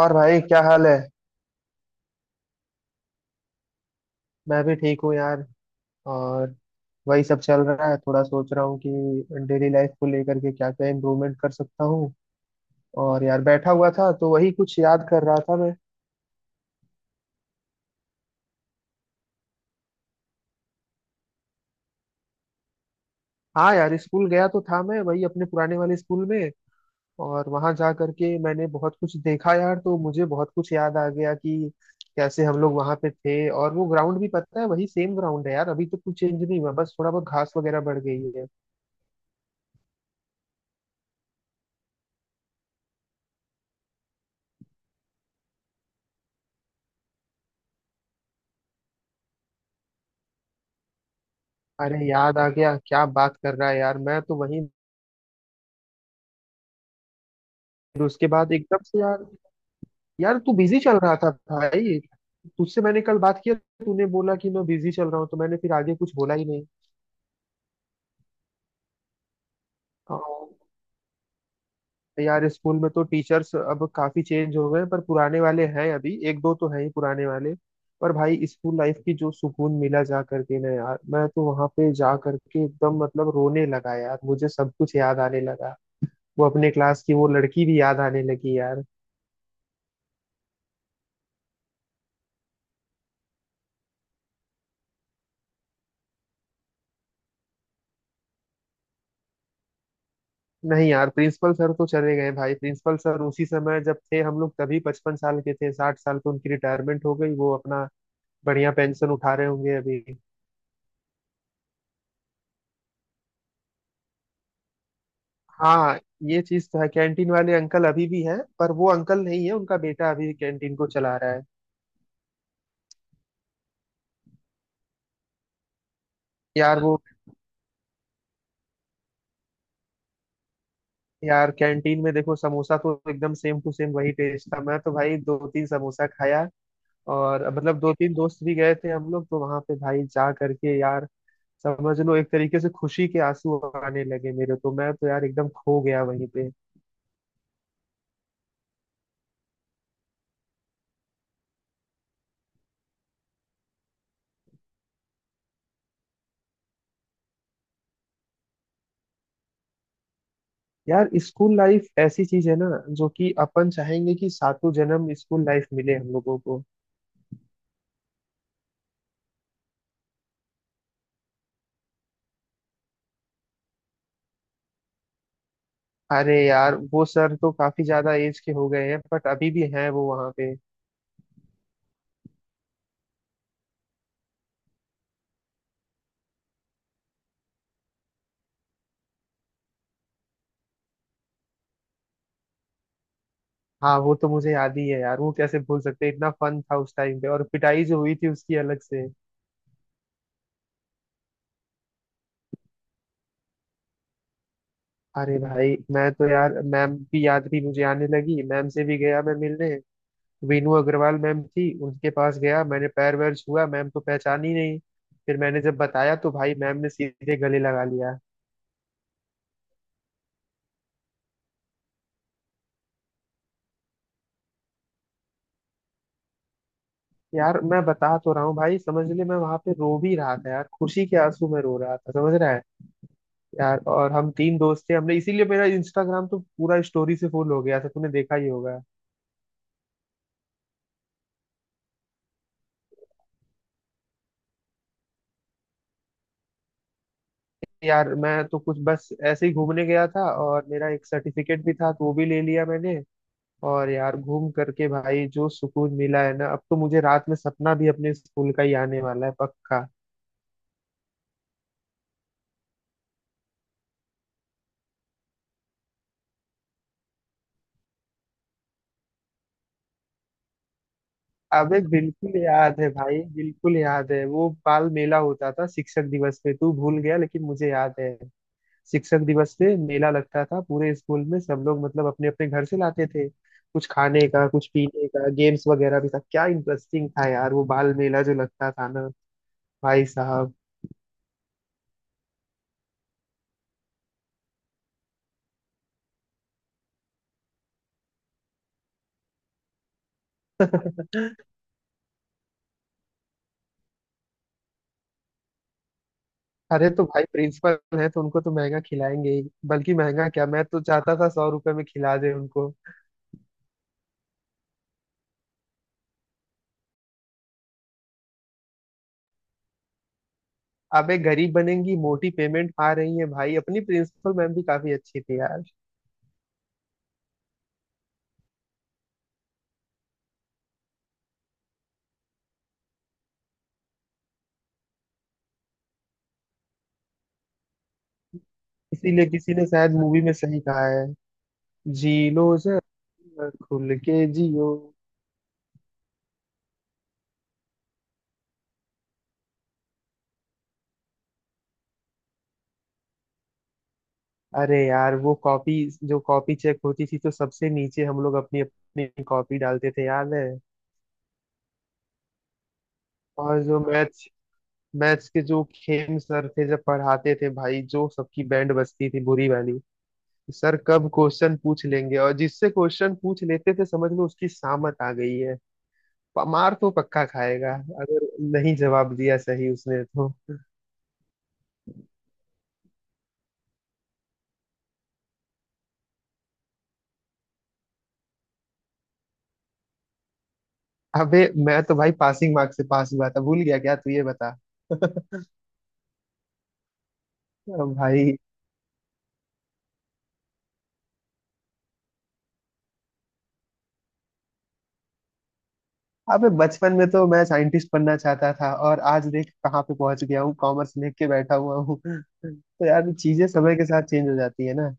और भाई क्या हाल है। मैं भी ठीक हूँ यार। और वही सब चल रहा है, थोड़ा सोच रहा हूँ कि डेली लाइफ को लेकर के क्या क्या इम्प्रूवमेंट कर सकता हूँ। और यार बैठा हुआ था तो वही कुछ याद कर रहा था मैं। हाँ यार स्कूल गया तो था मैं, वही अपने पुराने वाले स्कूल में। और वहां जा करके मैंने बहुत कुछ देखा यार, तो मुझे बहुत कुछ याद आ गया कि कैसे हम लोग वहां पे थे। और वो ग्राउंड भी पता है वही सेम ग्राउंड है यार, अभी तो कुछ चेंज नहीं हुआ, बस थोड़ा बहुत घास वगैरह बढ़ गई है। अरे याद आ गया, क्या बात कर रहा है यार, मैं तो वही, फिर उसके बाद एकदम से यार। यार तू बिजी चल रहा था भाई, तुझसे मैंने कल बात किया। तूने बोला कि मैं बिजी चल रहा हूँ, तो मैंने फिर आगे कुछ बोला ही नहीं। और यार स्कूल में तो टीचर्स अब काफी चेंज हो गए हैं, पर पुराने वाले हैं, अभी एक दो तो हैं ही पुराने वाले। पर भाई स्कूल लाइफ की जो सुकून मिला जा करके ना यार, मैं तो वहां पे जा करके एकदम मतलब रोने लगा यार, मुझे सब कुछ याद आने लगा। वो अपने क्लास की वो लड़की भी याद आने लगी यार। नहीं यार, प्रिंसिपल सर तो चले गए भाई। प्रिंसिपल सर उसी समय जब थे हम लोग तभी 55 साल के थे, 60 साल पे उनकी रिटायरमेंट हो गई। वो अपना बढ़िया पेंशन उठा रहे होंगे अभी। हाँ, ये चीज तो है, कैंटीन वाले अंकल अभी भी हैं, पर वो अंकल नहीं है, उनका बेटा अभी कैंटीन को चला रहा है। यार वो यार कैंटीन में देखो समोसा तो एकदम सेम टू सेम वही टेस्ट था, मैं तो भाई दो तीन समोसा खाया। और मतलब दो तीन दोस्त भी गए थे हम लोग, तो वहां पे भाई जा करके यार समझ लो एक तरीके से खुशी के आंसू आने लगे मेरे। तो मैं तो यार एकदम खो गया वहीं पे। यार स्कूल लाइफ ऐसी चीज है ना जो कि अपन चाहेंगे कि सातों जन्म स्कूल लाइफ मिले हम लोगों को। अरे यार वो सर तो काफी ज्यादा एज के हो गए हैं, बट अभी भी हैं वो वहां पे। हाँ, वो तो मुझे याद ही है यार, वो कैसे भूल सकते हैं, इतना फन था उस टाइम पे, और पिटाई जो हुई थी उसकी अलग से। अरे भाई मैं तो यार मैम की याद भी मुझे आने लगी, मैम से भी गया मैं मिलने। वीनू अग्रवाल मैम थी, उनके पास गया, मैंने पैर वैर छुआ, मैम तो पहचानी नहीं। फिर मैंने जब बताया तो भाई मैम ने सीधे गले लगा लिया। यार मैं बता तो रहा हूँ भाई समझ ले, मैं वहां पे रो भी रहा था यार, खुशी के आंसू में रो रहा था समझ रहा है। यार और हम तीन दोस्त थे हमने, इसीलिए मेरा इंस्टाग्राम तो पूरा स्टोरी से फुल हो गया था, तूने देखा ही होगा। यार मैं तो कुछ बस ऐसे ही घूमने गया था, और मेरा एक सर्टिफिकेट भी था तो वो भी ले लिया मैंने। और यार घूम करके भाई जो सुकून मिला है ना, अब तो मुझे रात में सपना भी अपने स्कूल का ही आने वाला है पक्का। अबे बिल्कुल याद है भाई, बिल्कुल याद है, वो बाल मेला होता था शिक्षक दिवस पे, तू भूल गया लेकिन मुझे याद है। शिक्षक दिवस पे मेला लगता था पूरे स्कूल में, सब लोग मतलब अपने अपने घर से लाते थे कुछ खाने का कुछ पीने का, गेम्स वगैरह भी था, क्या इंटरेस्टिंग था यार वो बाल मेला जो लगता था ना। भाई साहब। अरे तो भाई, प्रिंसिपल है तो उनको तो महंगा खिलाएंगे ही, बल्कि महंगा क्या, मैं तो चाहता था 100 रुपए में खिला दे उनको। अबे गरीब बनेंगी, मोटी पेमेंट आ रही है भाई। अपनी प्रिंसिपल मैम भी काफी अच्छी थी यार। इसीलिए किसी ने शायद मूवी में सही कहा है, जी लो जरा खुल के जियो। अरे यार वो कॉपी, जो कॉपी चेक होती थी तो सबसे नीचे हम लोग अपनी अपनी कॉपी डालते थे याद है। और जो मैथ्स मैथ्स के जो खेम सर थे जब पढ़ाते थे भाई, जो सबकी बैंड बजती थी बुरी वाली। सर कब क्वेश्चन पूछ लेंगे, और जिससे क्वेश्चन पूछ लेते थे समझ लो उसकी सामत आ गई है। मार तो पक्का खाएगा, अगर नहीं जवाब दिया सही उसने तो। अबे मैं तो भाई पासिंग मार्क्स से पास हुआ था, भूल गया क्या तू, ये बता। भाई, अबे बचपन में तो मैं साइंटिस्ट बनना चाहता था, और आज देख कहाँ पे पहुंच गया हूँ, कॉमर्स लेके बैठा हुआ हूँ। तो यार चीजें समय के साथ चेंज हो जाती है ना।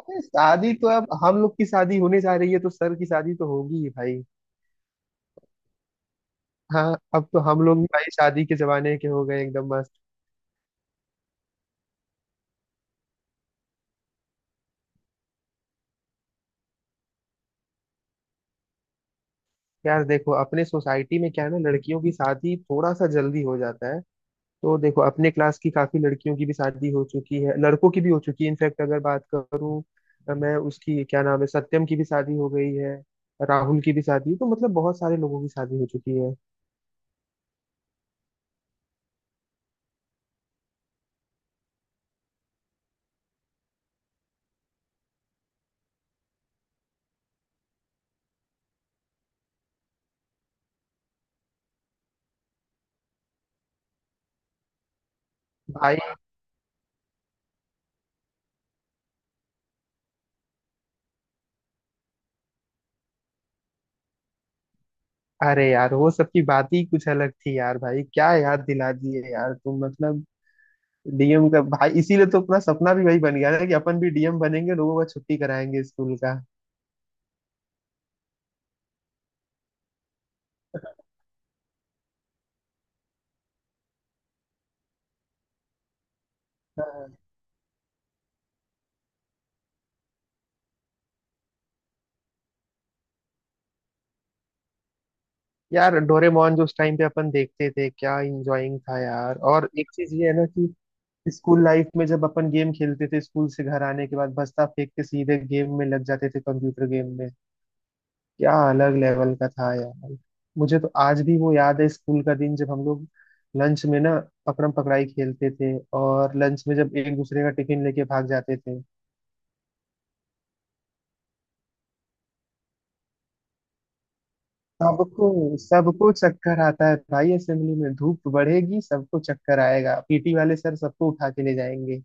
अरे शादी तो, अब हम लोग की शादी होने जा रही है, तो सर की शादी तो होगी ही भाई। हाँ, अब तो हम लोग भी भाई शादी के जमाने के हो गए, एकदम मस्त। यार देखो अपने सोसाइटी में क्या है ना, लड़कियों की शादी थोड़ा सा जल्दी हो जाता है, तो देखो अपने क्लास की काफी लड़कियों की भी शादी हो चुकी है, लड़कों की भी हो चुकी है। इनफैक्ट अगर बात करूँ मैं, उसकी क्या नाम है, सत्यम की भी शादी हो गई है, राहुल की भी शादी, तो मतलब बहुत सारे लोगों की शादी हो चुकी है भाई। अरे यार वो सब की बात ही कुछ अलग थी यार भाई, क्या याद दिला दिए यार तुम, मतलब डीएम का भाई, इसीलिए तो अपना सपना भी वही बन गया ना कि अपन भी डीएम बनेंगे, लोगों का छुट्टी कराएंगे स्कूल का। यार डोरेमोन जो उस टाइम पे अपन देखते थे, क्या इंजॉयिंग था यार। और एक चीज ये है ना कि स्कूल लाइफ में जब अपन गेम खेलते थे, स्कूल से घर आने के बाद बस्ता फेंक के सीधे गेम में लग जाते थे, कंप्यूटर गेम में, क्या अलग लेवल का था यार। मुझे तो आज भी वो याद है, स्कूल का दिन जब हम लोग लंच में ना पकड़म पकड़ाई खेलते थे, और लंच में जब एक दूसरे का टिफिन लेके भाग जाते थे। सबको सबको चक्कर आता है भाई असेंबली में, धूप बढ़ेगी सबको चक्कर आएगा, पीटी वाले सर सबको उठा के ले जाएंगे।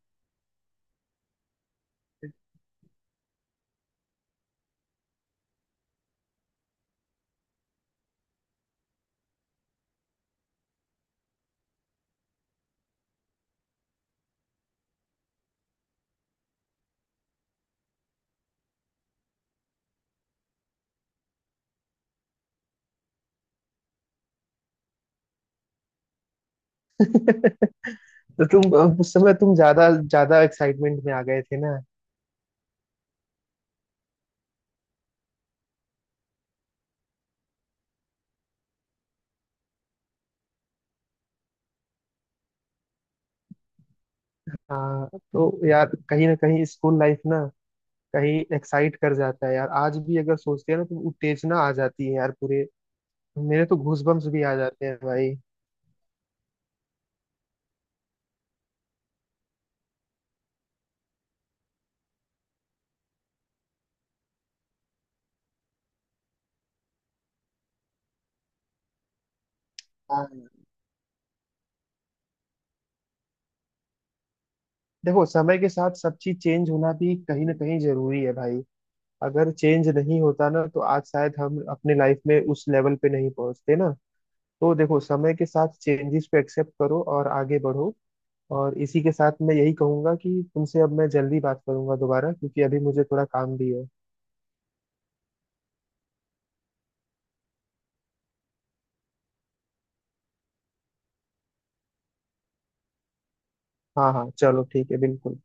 तो तुम अब उस समय तुम ज्यादा ज्यादा एक्साइटमेंट में आ गए थे ना। हाँ तो यार कहीं ना कहीं स्कूल लाइफ ना कहीं एक्साइट कर जाता है यार, आज भी अगर सोचते हैं ना तो उत्तेजना आ जाती है यार पूरे, मेरे तो गूजबम्स भी आ जाते हैं भाई। हाँ, देखो समय के साथ सब चीज चेंज होना भी कहीं ना कहीं जरूरी है भाई, अगर चेंज नहीं होता ना तो आज शायद हम अपने लाइफ में उस लेवल पे नहीं पहुंचते ना, तो देखो समय के साथ चेंजेस को एक्सेप्ट करो और आगे बढ़ो। और इसी के साथ मैं यही कहूंगा कि तुमसे अब मैं जल्दी बात करूंगा दोबारा, क्योंकि अभी मुझे थोड़ा काम भी है। हाँ हाँ, चलो ठीक है, बिल्कुल।